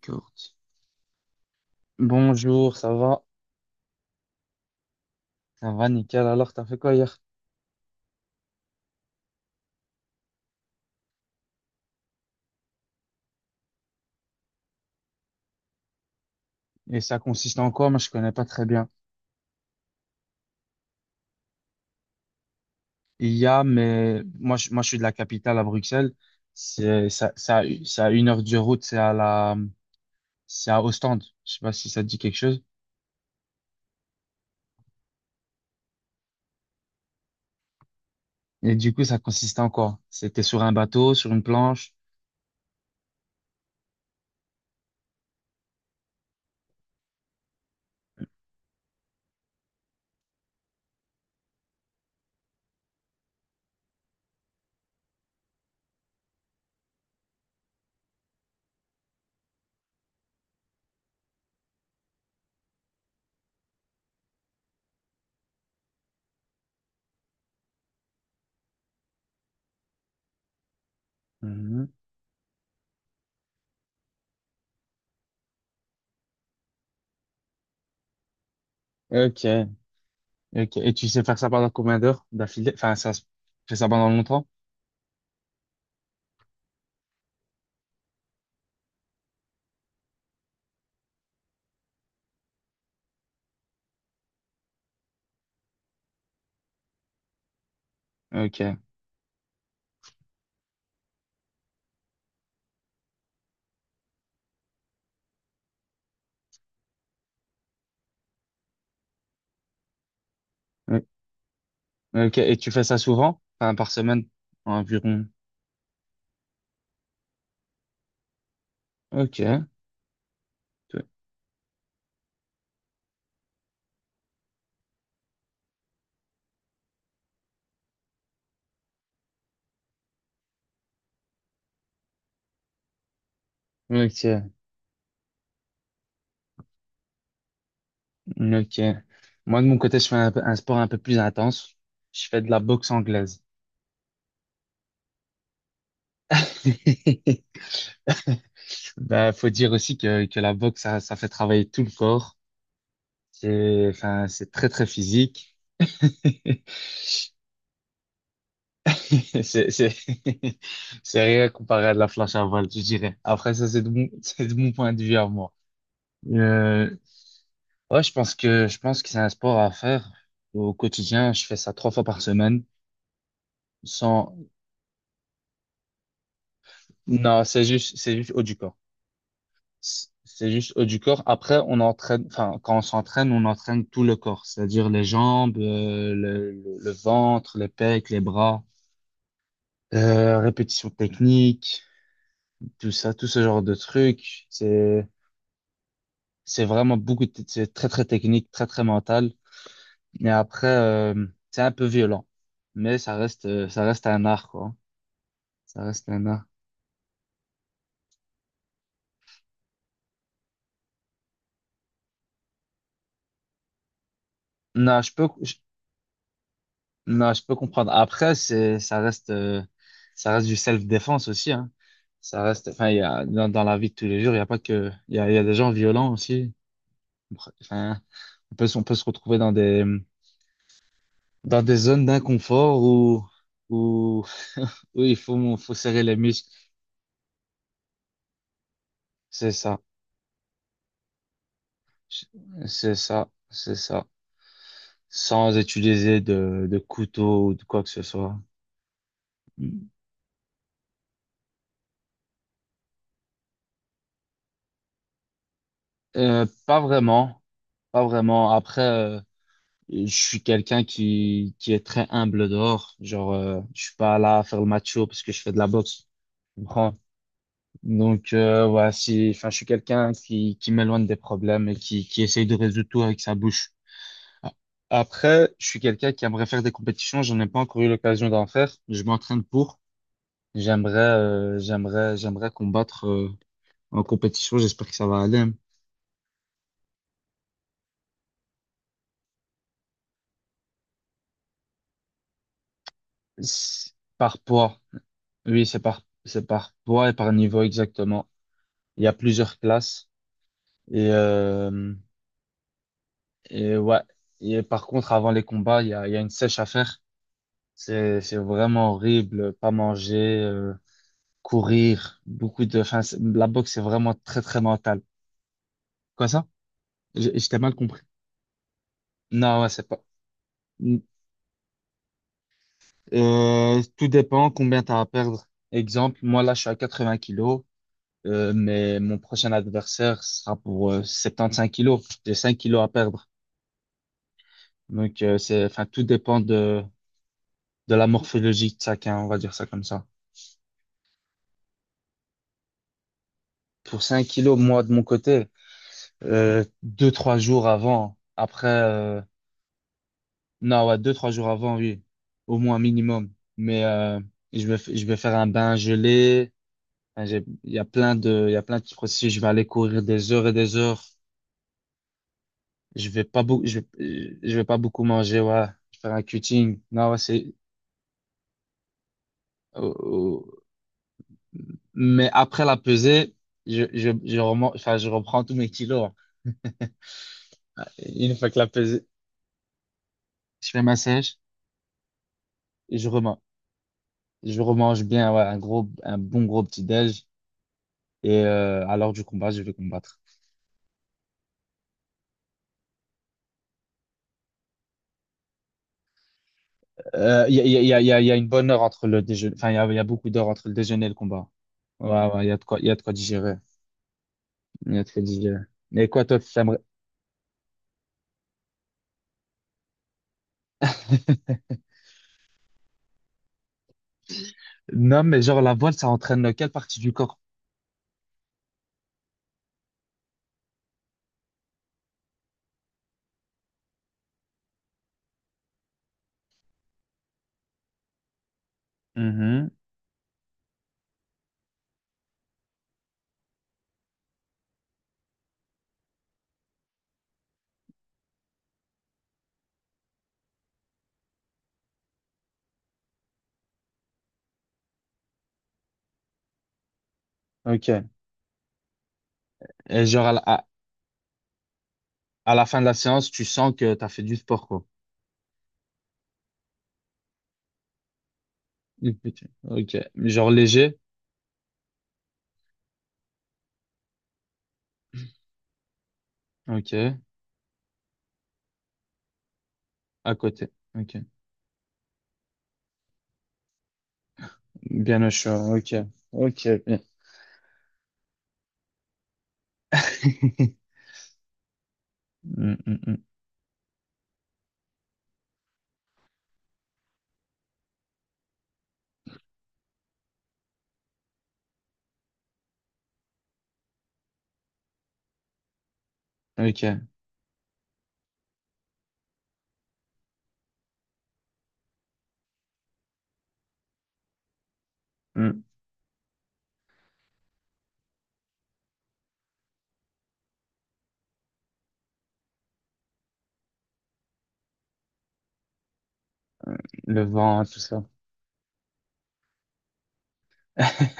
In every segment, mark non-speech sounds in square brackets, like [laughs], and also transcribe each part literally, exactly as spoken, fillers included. Corti. Bonjour, ça va? Ça va, nickel. Alors, t'as fait quoi hier? Et ça consiste en quoi? Moi, je connais pas très bien. Il y a, mais moi, je, moi, je suis de la capitale à Bruxelles. C'est, ça, ça, ça a une heure de route. C'est à la, c'est à Ostende. Je sais pas si ça te dit quelque chose. Et du coup, ça consiste en quoi? C'était sur un bateau, sur une planche. Mhm. Ok, ok. Et tu sais faire ça pendant combien d'heures d'affilée? Enfin, ça, se- tu fais ça pendant longtemps? Ok, ok. Et tu fais ça souvent? Enfin, par semaine, environ. Ok. Toi. Ok, ok. Moi, de mon côté, je fais un, peu- un sport un peu plus intense. Je fais de la boxe anglaise. [laughs] Bah, faut dire aussi que, que la boxe, ça, ça fait travailler tout le corps. C'est, enfin, c'est très, très physique. [laughs] C'est, c'est, [laughs] c'est rien comparé à de la planche à voile, je dirais. Après, ça, c'est de mon, [laughs] c'est de mon point de vue à moi. Euh, ouais, je pense que, je pense que c'est un sport à faire au quotidien. Je fais ça trois fois par semaine. Sans, non, c'est juste, c'est juste haut du corps. c- C'est juste haut du corps. Après, on entraîne, enfin, quand on s'entraîne, on entraîne tout le corps, c'est-à-dire les jambes, euh, le, le- le ventre, les pecs, les bras, euh, répétition technique, tout ça, tout ce genre de trucs. C'est, c'est vraiment beaucoup, de- c'est très, très technique, très, très mental. Mais après, euh, c'est un peu violent. Mais ça reste, euh, ça reste un art, quoi. Ça reste un art. Non, je peux. Non, je peux comprendre. Après, c'est, ça reste, euh, ça reste du self-défense aussi, hein. Ça reste, enfin, il y a, dans, dans la vie de tous les jours, il y a pas que, il y a, il y a des gens violents aussi. Enfin, on peut, se- on peut se retrouver dans des, dans des zones d'inconfort où, où, [laughs] où il faut, faut serrer les muscles. C'est ça. C'est ça. C'est ça. Sans utiliser de, de couteau ou de quoi que ce soit. Euh, pas vraiment. Pas vraiment. Après, euh, je suis quelqu'un qui, qui est très humble dehors. Genre, euh, je suis pas là à faire le macho parce que je fais de la boxe. Tu comprends? Donc, euh, ouais, si, enfin, je suis quelqu'un qui, qui m'éloigne des problèmes et qui, qui essaye de résoudre tout avec sa bouche. Après, je suis quelqu'un qui aimerait faire des compétitions. J'en ai pas encore eu l'occasion d'en faire. Je m'entraîne pour. J'aimerais, euh, j'aimerais, j'aimerais combattre, euh, en compétition. J'espère que ça va aller, hein. C'est Par poids. Oui, c'est par, c'est par poids et par niveau exactement. Il y a plusieurs classes. Et, euh, et ouais. Et par contre, avant les combats, il y a, il y a une sèche à faire. C'est, c'est vraiment horrible. Pas manger, euh, courir, beaucoup de. Enfin, c'est- la boxe, c'est vraiment très, très mental. Quoi ça? J'ai- J'étais mal compris. Non, ouais, c'est pas. Euh, tout dépend combien tu as à perdre. Exemple, moi là, je suis à 80 kilos, euh, mais mon prochain adversaire sera pour euh, 75 kilos. J'ai cinq kilos à perdre. Donc, euh, c'est, enfin, tout dépend de, de la morphologie de chacun, on va dire ça comme ça. Pour cinq kilos, moi, de mon côté, euh, deux trois jours avant, après, euh, non, ouais, deux trois jours avant, oui, au moins minimum. Mais euh, je vais, f- je vais faire un bain gelé. Enfin, j'ai- Il y a plein de, il y a plein de, petits processus. Je vais aller courir des heures et des heures. Je vais pas beaucoup, je vais, euh, je vais pas beaucoup manger, ouais. Je vais faire un cutting. Non, ouais, c'est, oh, oh. Mais après la pesée, je, je, je remonte, enfin, je reprends tous mes kilos. Une fois que la pesée, je fais ma sèche et je remonte. Je remange bien, ouais, un gros, un bon gros petit-déj. Et euh, à l'heure du combat, je vais combattre. Euh, Il y a, il y a, il y a, il y a une bonne heure entre le déjeuner. Enfin, il y a, il y a beaucoup d'heures entre le déjeuner et le combat. Ouais, ouais, il y a de quoi, il y a de quoi digérer. Il y a de quoi digérer. Mais quoi, toi, tu t'aimerais... Non, mais genre, la voile, ça entraîne quelle partie du corps? Mhm. Ok. Et genre, à la, à, à la fin de la séance, tu sens que t'as fait du sport, quoi. Ok. Ok. Genre léger? Ok. À côté. Ok. Bien au chaud. Ok. Ok. Bien. [laughs] Mm, mm, mm. Ok. Mm. Le vent, hein, tout ça. [laughs]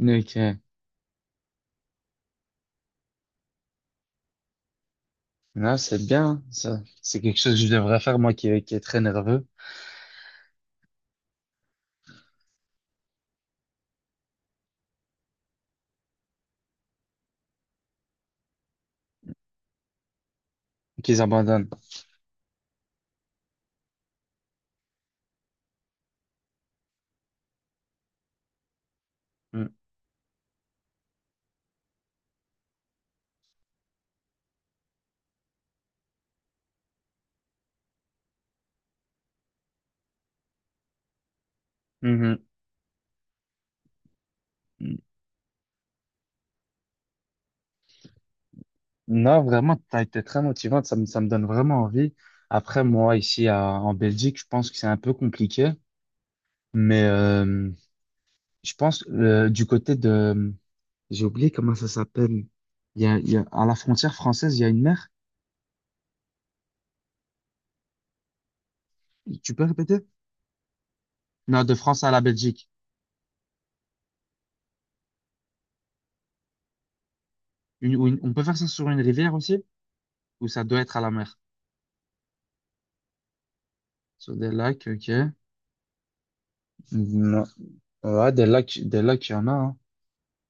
Ok. Non, c'est bien, hein, ça. C'est quelque chose que je devrais faire, moi, qui, qui est très nerveux, et qu'ils abandonnent. Mm. Mhm. Mm. Non, vraiment, t'as été très motivante. Ça me, ça me donne vraiment envie. Après, moi, ici, à- en Belgique, je pense que c'est un peu compliqué. Mais euh, je pense, euh, du côté de... J'ai oublié comment ça s'appelle. Il y a, il y a, à la frontière française, il y a une mer. Tu peux répéter? Non, de France à la Belgique. Une, ou une- on peut faire ça sur une rivière aussi? Ou ça doit être à la mer? Sur des lacs, ok. Non. Ouais, des lacs, des lacs, il y en a, hein.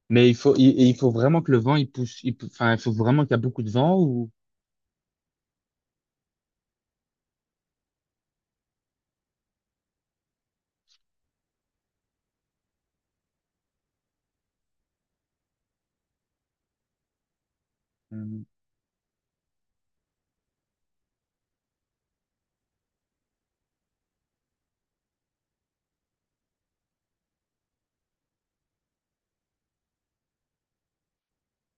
Mais il faut, il, il faut vraiment que le vent, il pousse, il pou- enfin, il faut vraiment qu'il y a beaucoup de vent ou. Hmm.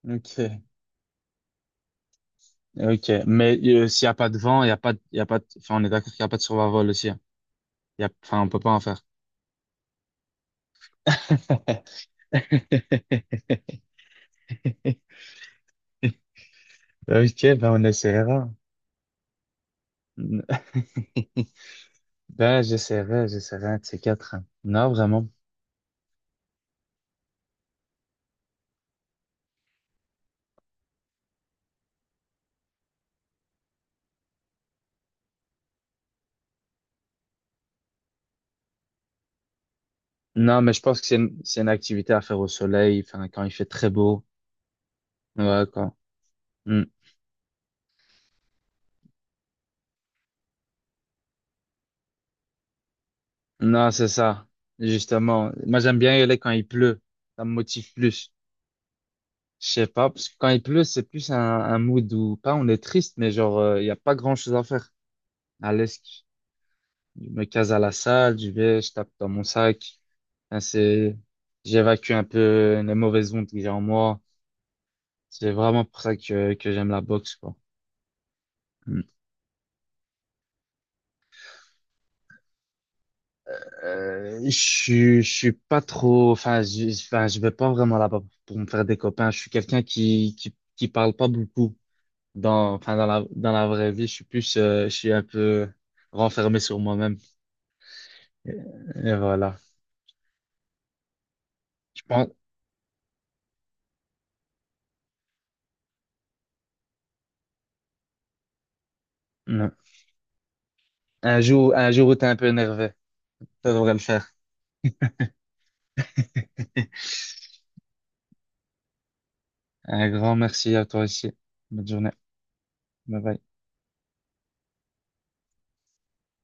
Ok, ok. Mais euh, s'il n'y a pas de vent, il y a pas, de- il y a pas, de- enfin, on est d'accord qu'il n'y a pas de survol aussi, hein. Il y a, enfin, on peut pas en faire. [laughs] Ok, ben on essaiera. [laughs] Ben j'essaierai, j'essaierai un de ces quatre, hein. Non, vraiment. Non, mais je pense que c'est une, c'est une activité à faire au soleil, enfin, quand il fait très beau. Ouais, quoi. Mm. Non, c'est ça. Justement, moi j'aime bien y aller quand il pleut. Ça me motive plus. Je sais pas, parce que quand il pleut, c'est plus un, un mood où, pas on est triste, mais genre, euh, il y a pas grand-chose à faire. À l'aise, je me case à la salle, je vais, je tape dans mon sac. Enfin, c'est, j'évacue un peu les mauvaises ondes que j'ai en moi. C'est vraiment pour ça que, que j'aime la boxe, quoi. Euh, je, suis- je suis pas trop, enfin, je, enfin, je vais pas vraiment là-bas pour me faire des copains. Je suis quelqu'un qui, qui, qui parle pas beaucoup dans, enfin, dans la, dans la vraie vie. Je suis plus, euh, je suis un peu renfermé sur moi-même. Et, et voilà. Je pense, non. Un jour, un jour où t'es un peu énervé, ça devrait le faire. [laughs] Un grand merci à toi aussi. Bonne journée. Bye bye.